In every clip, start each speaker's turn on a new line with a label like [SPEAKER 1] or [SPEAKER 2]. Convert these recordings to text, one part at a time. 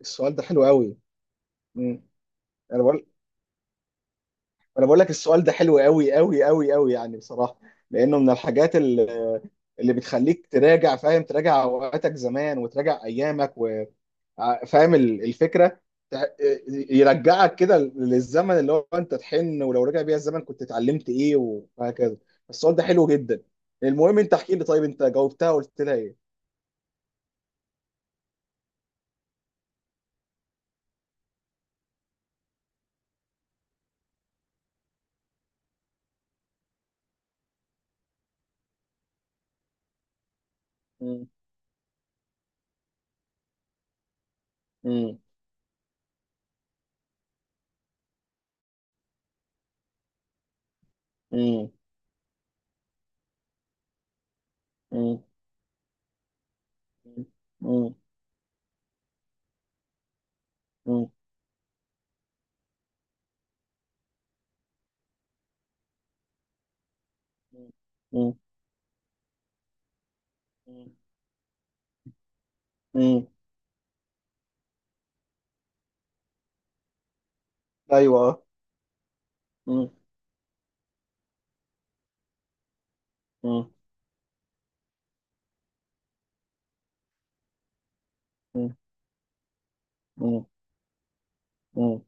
[SPEAKER 1] السؤال ده حلو قوي. مم. انا بقول انا بقول لك السؤال ده حلو قوي قوي قوي قوي، يعني بصراحه، لانه من الحاجات اللي بتخليك تراجع، تراجع اوقاتك زمان، وتراجع ايامك، فاهم الفكره، تع- يرجعك كده للزمن اللي هو انت تحن، ولو رجع بيها الزمن كنت اتعلمت ايه، وهكذا. السؤال ده حلو جدا. المهم انت احكي لي، طيب انت جاوبتها وقلت لها ايه؟ مم. مم. مم. مم. مم. مم. مم. مم. مم. ايوه. مم. مم. مم. مم. مم.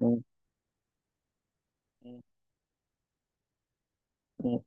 [SPEAKER 1] مم. مم.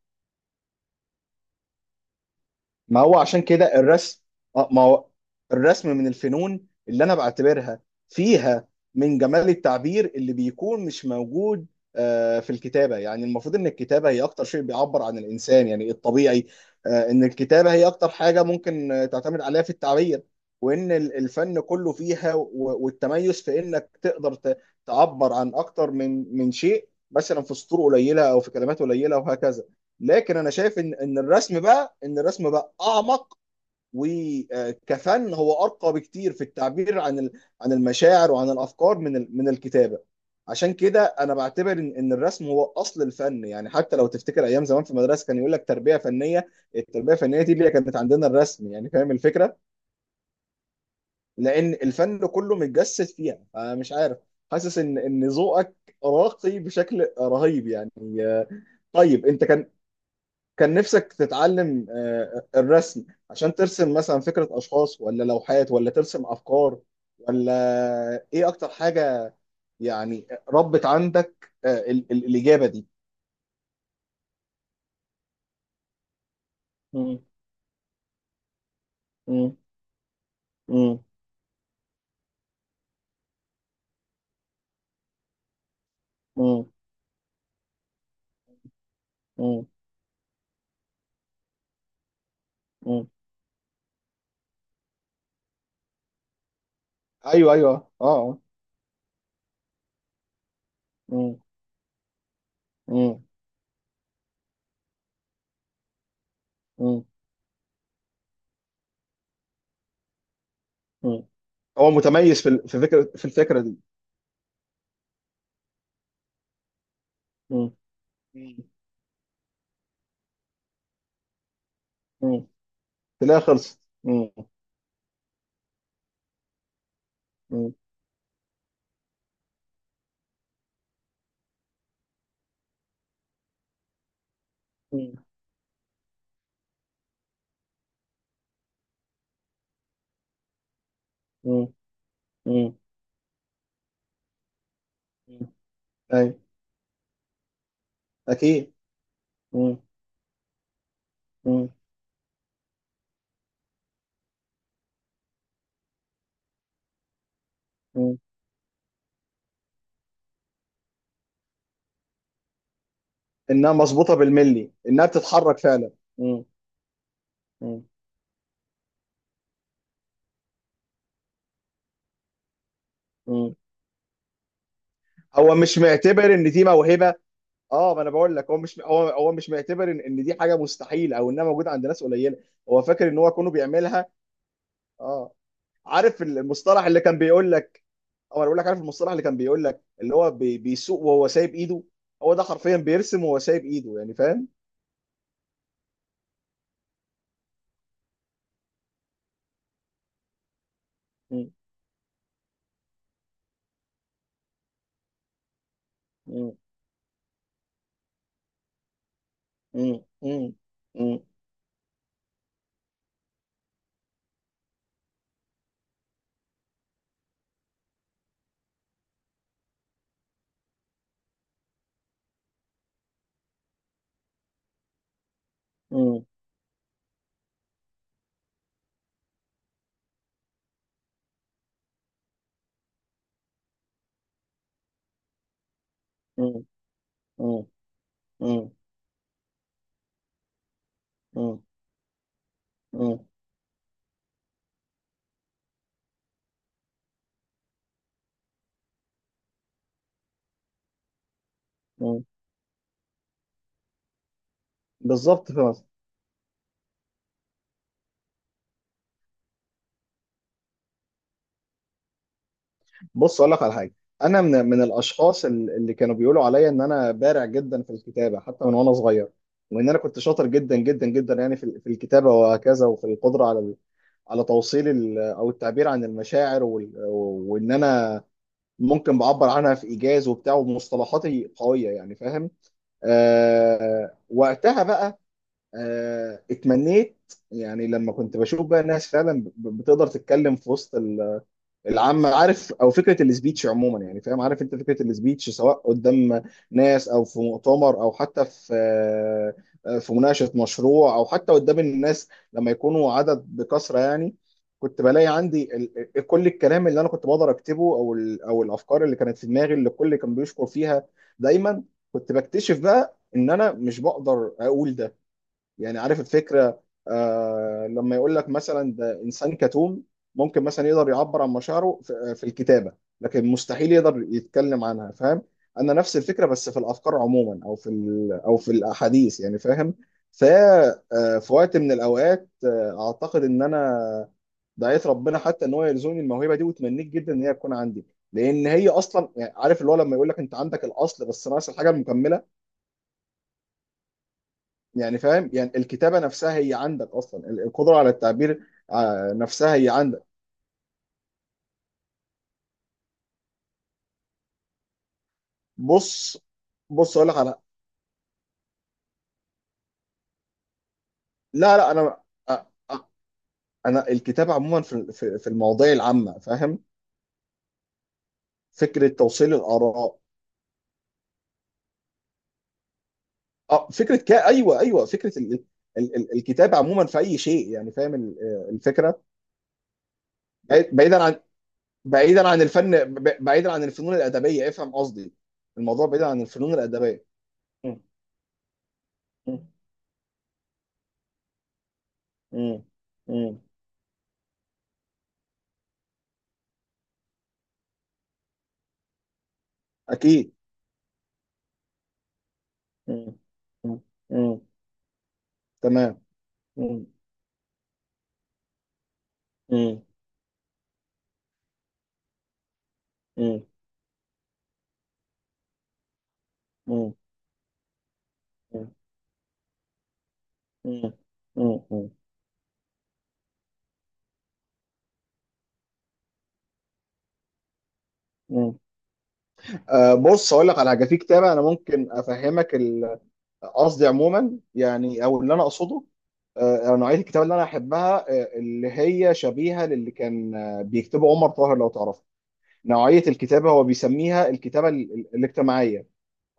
[SPEAKER 1] ما هو عشان كده الرسم، اه ما هو الرسم من الفنون اللي انا بعتبرها فيها من جمال التعبير اللي بيكون مش موجود في الكتابة. يعني المفروض ان الكتابة هي اكتر شيء بيعبر عن الانسان، يعني الطبيعي، ان الكتابة هي اكتر حاجة ممكن تعتمد عليها في التعبير، وان الفن كله فيها والتميز في انك تقدر تعبر عن اكتر من شيء، مثلا في سطور قليلة او في كلمات قليلة، وهكذا. لكن انا شايف ان الرسم بقى اعمق، وكفن هو ارقى بكتير في التعبير عن عن المشاعر وعن الافكار من الكتابه. عشان كده انا بعتبر إن الرسم هو اصل الفن، يعني حتى لو تفتكر ايام زمان في المدرسه كان يقول لك تربيه فنيه. التربيه الفنيه دي اللي هي كانت عندنا الرسم، يعني فاهم الفكره، لان الفن كله متجسد فيها. مش عارف، حاسس ان ذوقك راقي بشكل رهيب يعني. آه، طيب انت كان، كان نفسك تتعلم الرسم، عشان ترسم مثلا فكرة أشخاص، ولا لوحات، ولا ترسم أفكار، ولا إيه أكتر حاجة؟ يعني ربت عندك الإجابة دي. مم. مم. مم. مم. مم. مم. أيوه أيوه أه آه. مم. مم. مم. مم. هو متميز في ال- في فكرة في الفكرة دي. مم. مم. مم. تلاقيها خلصت. مم. مم. مم. مم. مم. أيوه، أكيد. مم. مم. انها مظبوطه بالملي، انها بتتحرك فعلا. مم. مم. مم. هو مش معتبر ان دي موهبه. اه، ما انا بقول لك هو مش هو هو مش معتبر إن دي حاجه مستحيله، او انها موجوده عند ناس قليله. هو فاكر ان هو كونه بيعملها. اه. عارف المصطلح اللي كان بيقول لك، او انا بقول لك عارف المصطلح اللي كان بيقول لك اللي هو بيسوق وهو سايب ايده. هو ده حرفيا بيرسم وهو سايب ايده، يعني فاهم. مم. مم. مم. مم. مم. مم. مم. مم. مم. مم. بالظبط. بص اقول لك على حاجه. انا من الاشخاص اللي كانوا بيقولوا عليا ان انا بارع جدا في الكتابه حتى من وانا صغير، وان انا كنت شاطر جدا جدا جدا يعني في في الكتابه وهكذا، وفي القدره على على توصيل او التعبير عن المشاعر وان انا ممكن بعبر عنها في ايجاز وبتاع، ومصطلحاتي قويه، يعني فاهم. آه وقتها بقى، آه اتمنيت، يعني لما كنت بشوف بقى الناس فعلا بتقدر تتكلم في وسط العامة، عارف، او فكرة السبيتش عموما يعني فاهم، عارف انت فكرة السبيتش، سواء قدام ناس، او في مؤتمر، او حتى في في مناقشة مشروع، او حتى قدام الناس لما يكونوا عدد بكثرة يعني. كنت بلاقي عندي كل الكلام اللي انا كنت بقدر اكتبه، او او الافكار اللي كانت في دماغي اللي الكل كان بيشكر فيها دايما. كنت بكتشف بقى ان انا مش بقدر اقول ده، يعني عارف الفكرة. آه لما يقول لك مثلا ده إنسان كتوم، ممكن مثلا يقدر يعبر عن مشاعره في الكتابة، لكن مستحيل يقدر يتكلم عنها، فاهم. أنا نفس الفكرة، بس في الأفكار عموما، أو في ال، أو في الأحاديث، يعني فاهم. في وقت من الأوقات، أعتقد إن أنا دعيت ربنا حتى إن هو يرزقني الموهبة دي، وتمنيت جدا إن هي تكون عندي. لأن هي أصلا يعني عارف اللي هو لما يقول لك أنت عندك الأصل بس ناقص الحاجة المكملة. يعني فاهم، يعني الكتابة نفسها هي عندك أصلا القدرة على التعبير، نفسها هي عندك. بص بص أقول لك على، لا لا أنا، آه، آه، أنا الكتابة عموما في المواضيع العامة فاهم، فكرة توصيل الآراء. آه، فكرة كا أيوه أيوه فكرة الكتابة عموما في أي شيء، يعني فاهم الفكرة. بعيدا عن، بعيدا عن الفن، بعيدا عن الفنون الأدبية، افهم قصدي. الموضوع بعيدا عن الفنون الأدبية. م- م- م- م. أكيد. مم. مم. مم. تمام. مم. مم. مم. مم. مم. مم. مم. مم. بص اقول لك على حاجه في كتاب، انا ممكن افهمك قصدي عموما يعني، او اللي انا اقصده، نوعيه الكتاب اللي انا احبها، اللي هي شبيهه للي كان بيكتبه عمر طاهر، لو تعرفه. نوعيه الكتابه هو بيسميها الكتابه الاجتماعيه.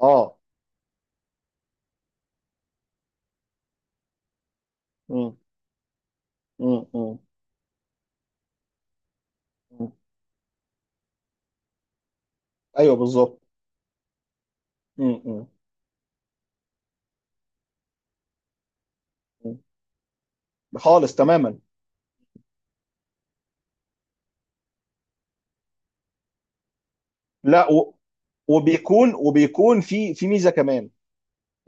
[SPEAKER 1] اه. مم. مم. مم. مم. ايوه بالظبط. مم. مم. مم. خالص تماما. لا وبيكون، في ميزه كمان،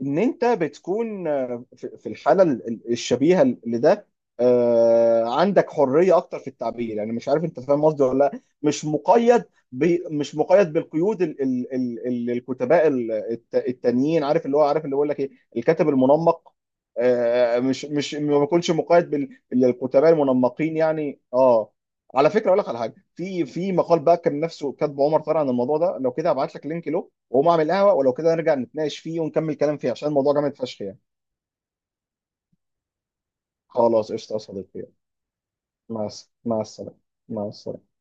[SPEAKER 1] ان انت بتكون في في الحاله الشبيهه لده، عندك حريه اكتر في التعبير، يعني مش عارف انت فاهم قصدي ولا لا، مش مقيد، مش مقيد بالقيود الكتباء التانيين، عارف اللي هو، عارف اللي بيقول لك ايه، الكاتب المنمق، مش مش ما بيكونش مقيد بالكتباء المنمقين يعني، اه. على فكره اقول لك على حاجه في في مقال بقى كان نفسه كاتبه عمر طارق عن الموضوع ده، لو كده هبعت لك لينك له واقوم اعمل قهوه، ولو كده نرجع نتناقش فيه ونكمل كلام فيه، عشان الموضوع جامد فشخ يعني. خلاص قشطه يا صديقي. مع السلامه. مع السلامه.